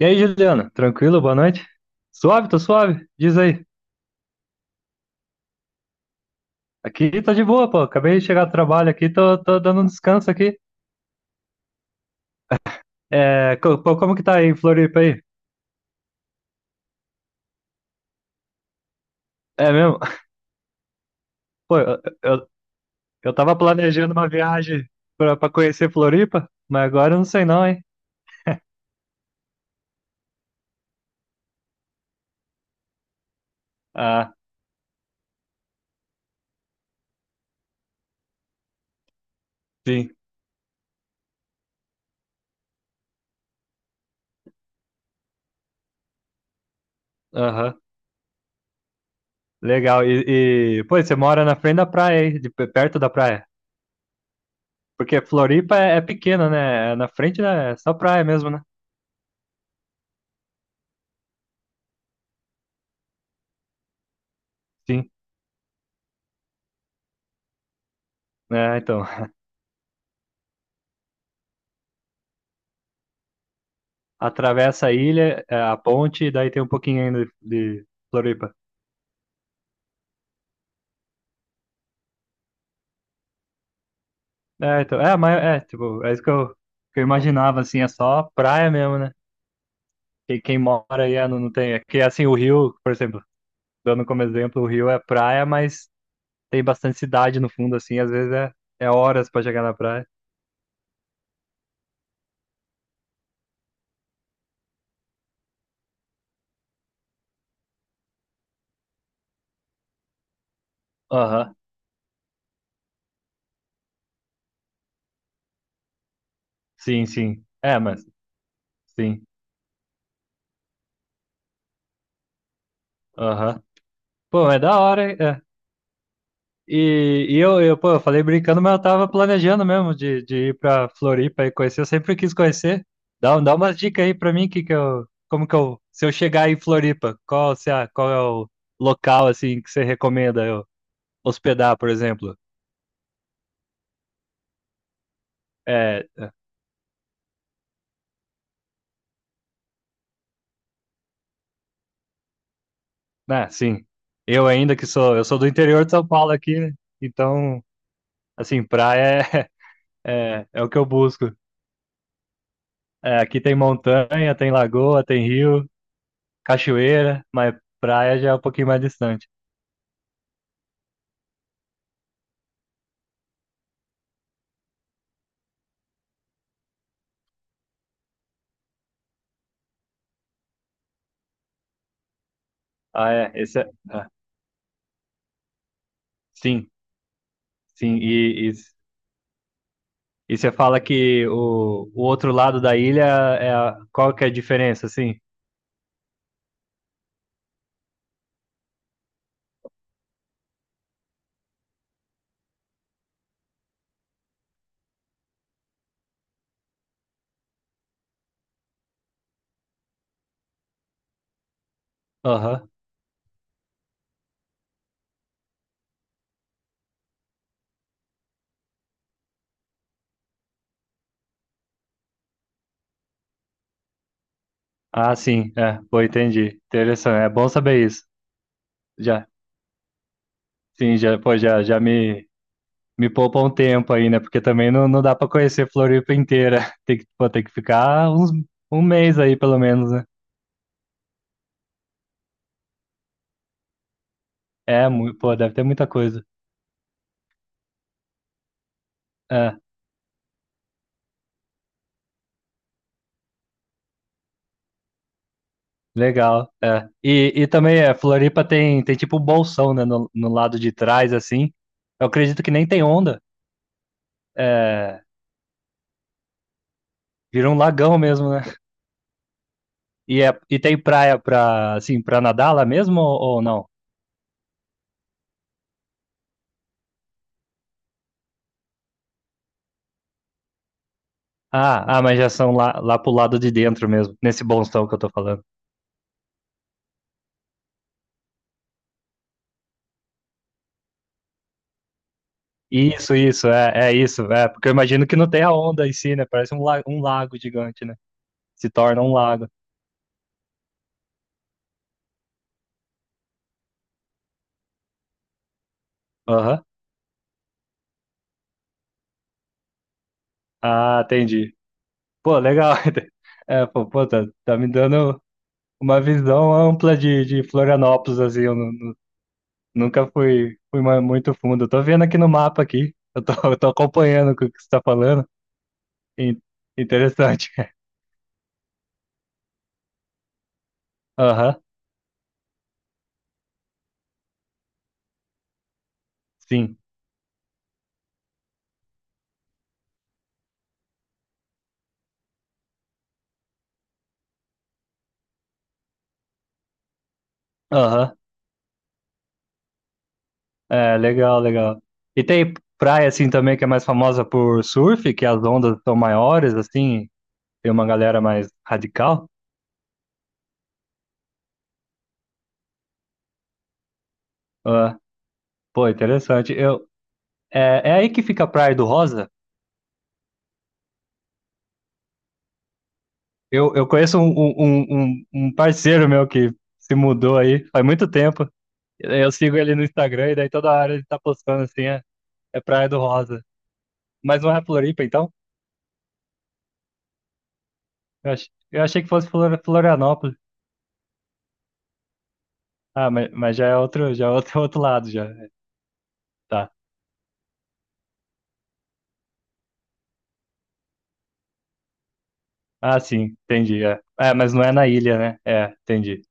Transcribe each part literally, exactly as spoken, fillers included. E aí, Juliana, tranquilo? Boa noite? Suave, tô suave? Diz aí. Aqui tá de boa, pô. Acabei de chegar do trabalho aqui, tô, tô dando um descanso aqui. É, co- pô, como que tá aí em Floripa aí? É mesmo? Pô, eu, eu, eu tava planejando uma viagem pra, pra conhecer Floripa, mas agora eu não sei não, hein? Ah, sim. Aham. Legal. E, e, pô, você mora na frente da praia aí, de, pe- perto da praia. Porque Floripa é, é pequena, né? É na frente, né? É só praia mesmo, né? Sim. É, então. Atravessa a ilha, é, a ponte, e daí tem um pouquinho ainda de, Floripa. É, então, é, mas é, tipo, é isso que eu, que eu imaginava, assim, é só praia mesmo, né? Quem, quem mora aí é, não, não tem. É que assim, o Rio, por exemplo, dando como exemplo, o Rio é praia, mas tem bastante cidade no fundo, assim, às vezes é, é horas pra chegar na praia. Aham, sim, sim. É, mas, sim. Aham. Pô, é da hora, hein? É. E, e eu, eu, pô, eu falei brincando, mas eu tava planejando mesmo de, de ir pra Floripa e conhecer. Eu sempre quis conhecer. Dá, dá umas dicas aí pra mim, que que eu, como que eu, se eu chegar em Floripa, qual, se a, qual é o local, assim, que você recomenda eu hospedar, por exemplo? É, né, sim, eu ainda que sou, eu sou do interior de São Paulo aqui, né? Então, assim, praia é, é, é o que eu busco. É, aqui tem montanha, tem lagoa, tem rio, cachoeira, mas praia já é um pouquinho mais distante. Ah, é. Esse é... ah, sim, sim. E, e, e você fala que o, o outro lado da ilha é a... qual que é a diferença, assim? Aham. Ah, sim. É, pô, entendi. Interessante. É bom saber isso. Já, sim, já, pô, já, já me, me poupa um tempo aí, né? Porque também não, não dá pra conhecer Floripa inteira. Tem que, pô, tem que ficar uns, um mês aí, pelo menos, né? É, mu- pô, deve ter muita coisa. É. Legal, é. E, e também é, Floripa tem, tem tipo um bolsão, né, no, no lado de trás, assim. Eu acredito que nem tem onda. É, vira um lagão mesmo, né? E, é, e tem praia pra, assim, pra nadar lá mesmo ou, ou não? Ah, ah, mas já são lá, lá pro lado de dentro mesmo, nesse bolsão que eu tô falando. Isso, isso, é, é isso, é. Porque eu imagino que não tem a onda em si, né? Parece um, la- um lago gigante, né? Se torna um lago. Aham. Ah, entendi. Pô, legal. É, pô, pô, tá, tá me dando uma visão ampla de, de Florianópolis, assim, eu nu- nu- nunca fui, fui ma- muito fundo. Eu tô vendo aqui no mapa aqui, eu tô, eu tô acompanhando o que você tá falando. In- Interessante. Aham, sim. Aham, é, legal, legal. E tem praia, assim, também que é mais famosa por surf, que as ondas são maiores, assim, tem uma galera mais radical. Ah, pô, interessante. Eu, é, é aí que fica a Praia do Rosa? Eu, eu conheço um, um, um, um, um parceiro meu que se mudou aí faz muito tempo. Eu sigo ele no Instagram e daí toda hora ele tá postando assim, é, é Praia do Rosa. Mas não é Floripa, então? Eu, ach, eu achei que fosse Flor- Florianópolis. Ah, mas, mas já é outro, já é outro, outro lado, já. Tá. Ah, sim, entendi. É. É, mas não é na ilha, né? É, entendi.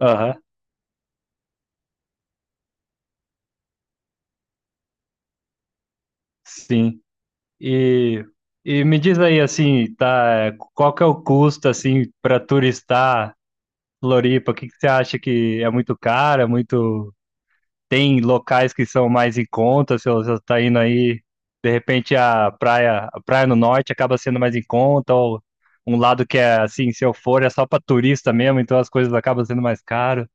Aham, sim. E, e me diz aí, assim, tá, qual que é o custo, assim, para turistar? Floripa, o que que você acha que é muito cara? Muito. Tem locais que são mais em conta, se você está indo aí, de repente a praia, a praia no norte acaba sendo mais em conta, ou um lado que é assim, se eu for, é só para turista mesmo, então as coisas acabam sendo mais caro.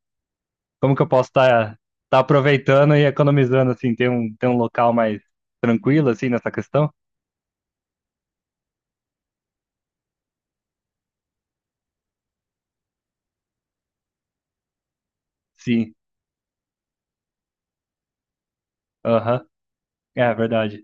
Como que eu posso estar aproveitando e economizando, assim, ter um, ter um local mais tranquilo, assim, nessa questão? Sim, aham, é verdade.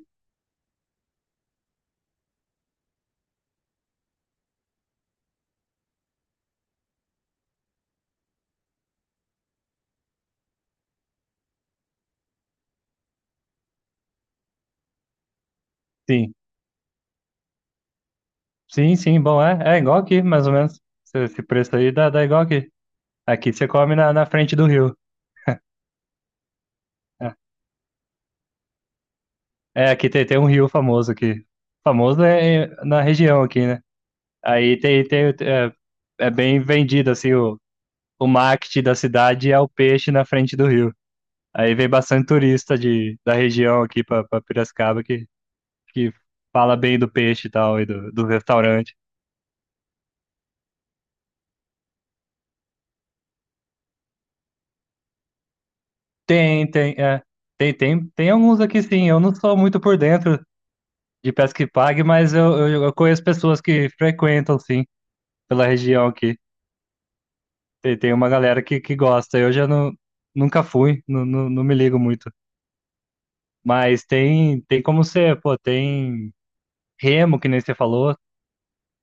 Sim, sim, sim, bom, é, é igual aqui, mais ou menos. Esse esse preço aí dá, dá igual aqui. Aqui você come na, na frente do rio. É, é, aqui tem, tem um rio famoso aqui. Famoso é é na região aqui, né? Aí tem, tem, é, é bem vendido, assim, o, o marketing da cidade é o peixe na frente do rio. Aí vem bastante turista de, da região aqui pra pra Piracicaba que, que fala bem do peixe e tal, e do, do restaurante. Tem, tem, é. Tem, tem, tem alguns aqui sim. Eu não sou muito por dentro de pesca e pague, mas eu, eu, eu conheço pessoas que frequentam, sim, pela região aqui. Tem, tem uma galera que, que gosta. Eu já não, nunca fui, não, não, não me ligo muito. Mas tem, tem como ser, pô, tem remo, que nem você falou,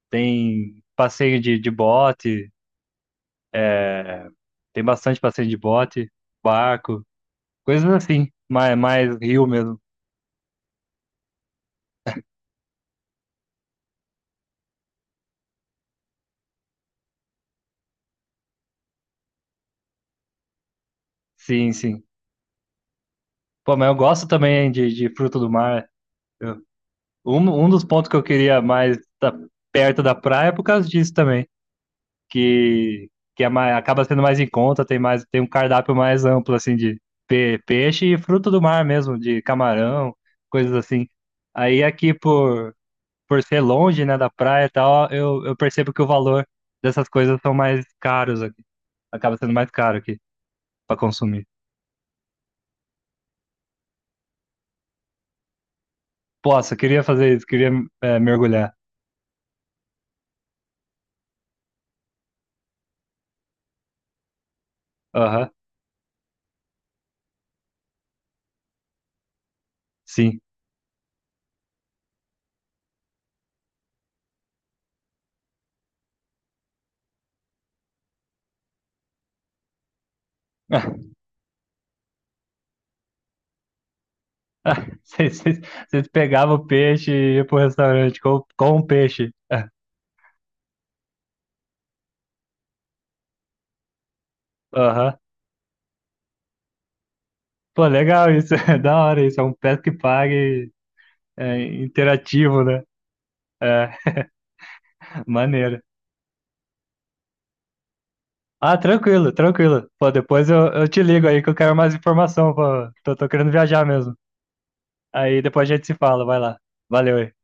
tem passeio de, de bote, tem bastante passeio de bote, barco, coisas assim, mais, mais rio mesmo. Sim, sim. Pô, mas eu gosto também de, de fruto do mar. Eu- um, um dos pontos que eu queria mais estar perto da praia é por causa disso também. que, que é mais, acaba sendo mais em conta, tem mais, tem um cardápio mais amplo, assim, de pe- peixe e fruto do mar mesmo, de camarão, coisas assim. Aí aqui, por, por ser longe, né, da praia e tal, eu, eu percebo que o valor dessas coisas são mais caros aqui. Acaba sendo mais caro aqui para consumir. Posso, queria fazer isso, queria é, mergulhar. Aham, sim. Vocês vocês- vocês pegavam o peixe e iam pro restaurante com, com o peixe. Aham. Pô, legal isso, é da hora isso, é um Pesca e Pague é, interativo, né? É, maneiro. Ah, tranquilo, tranquilo. Pô, depois eu, eu te ligo aí que eu quero mais informação, pô. Tô, tô querendo viajar mesmo. Aí depois a gente se fala, vai lá. Valeu aí.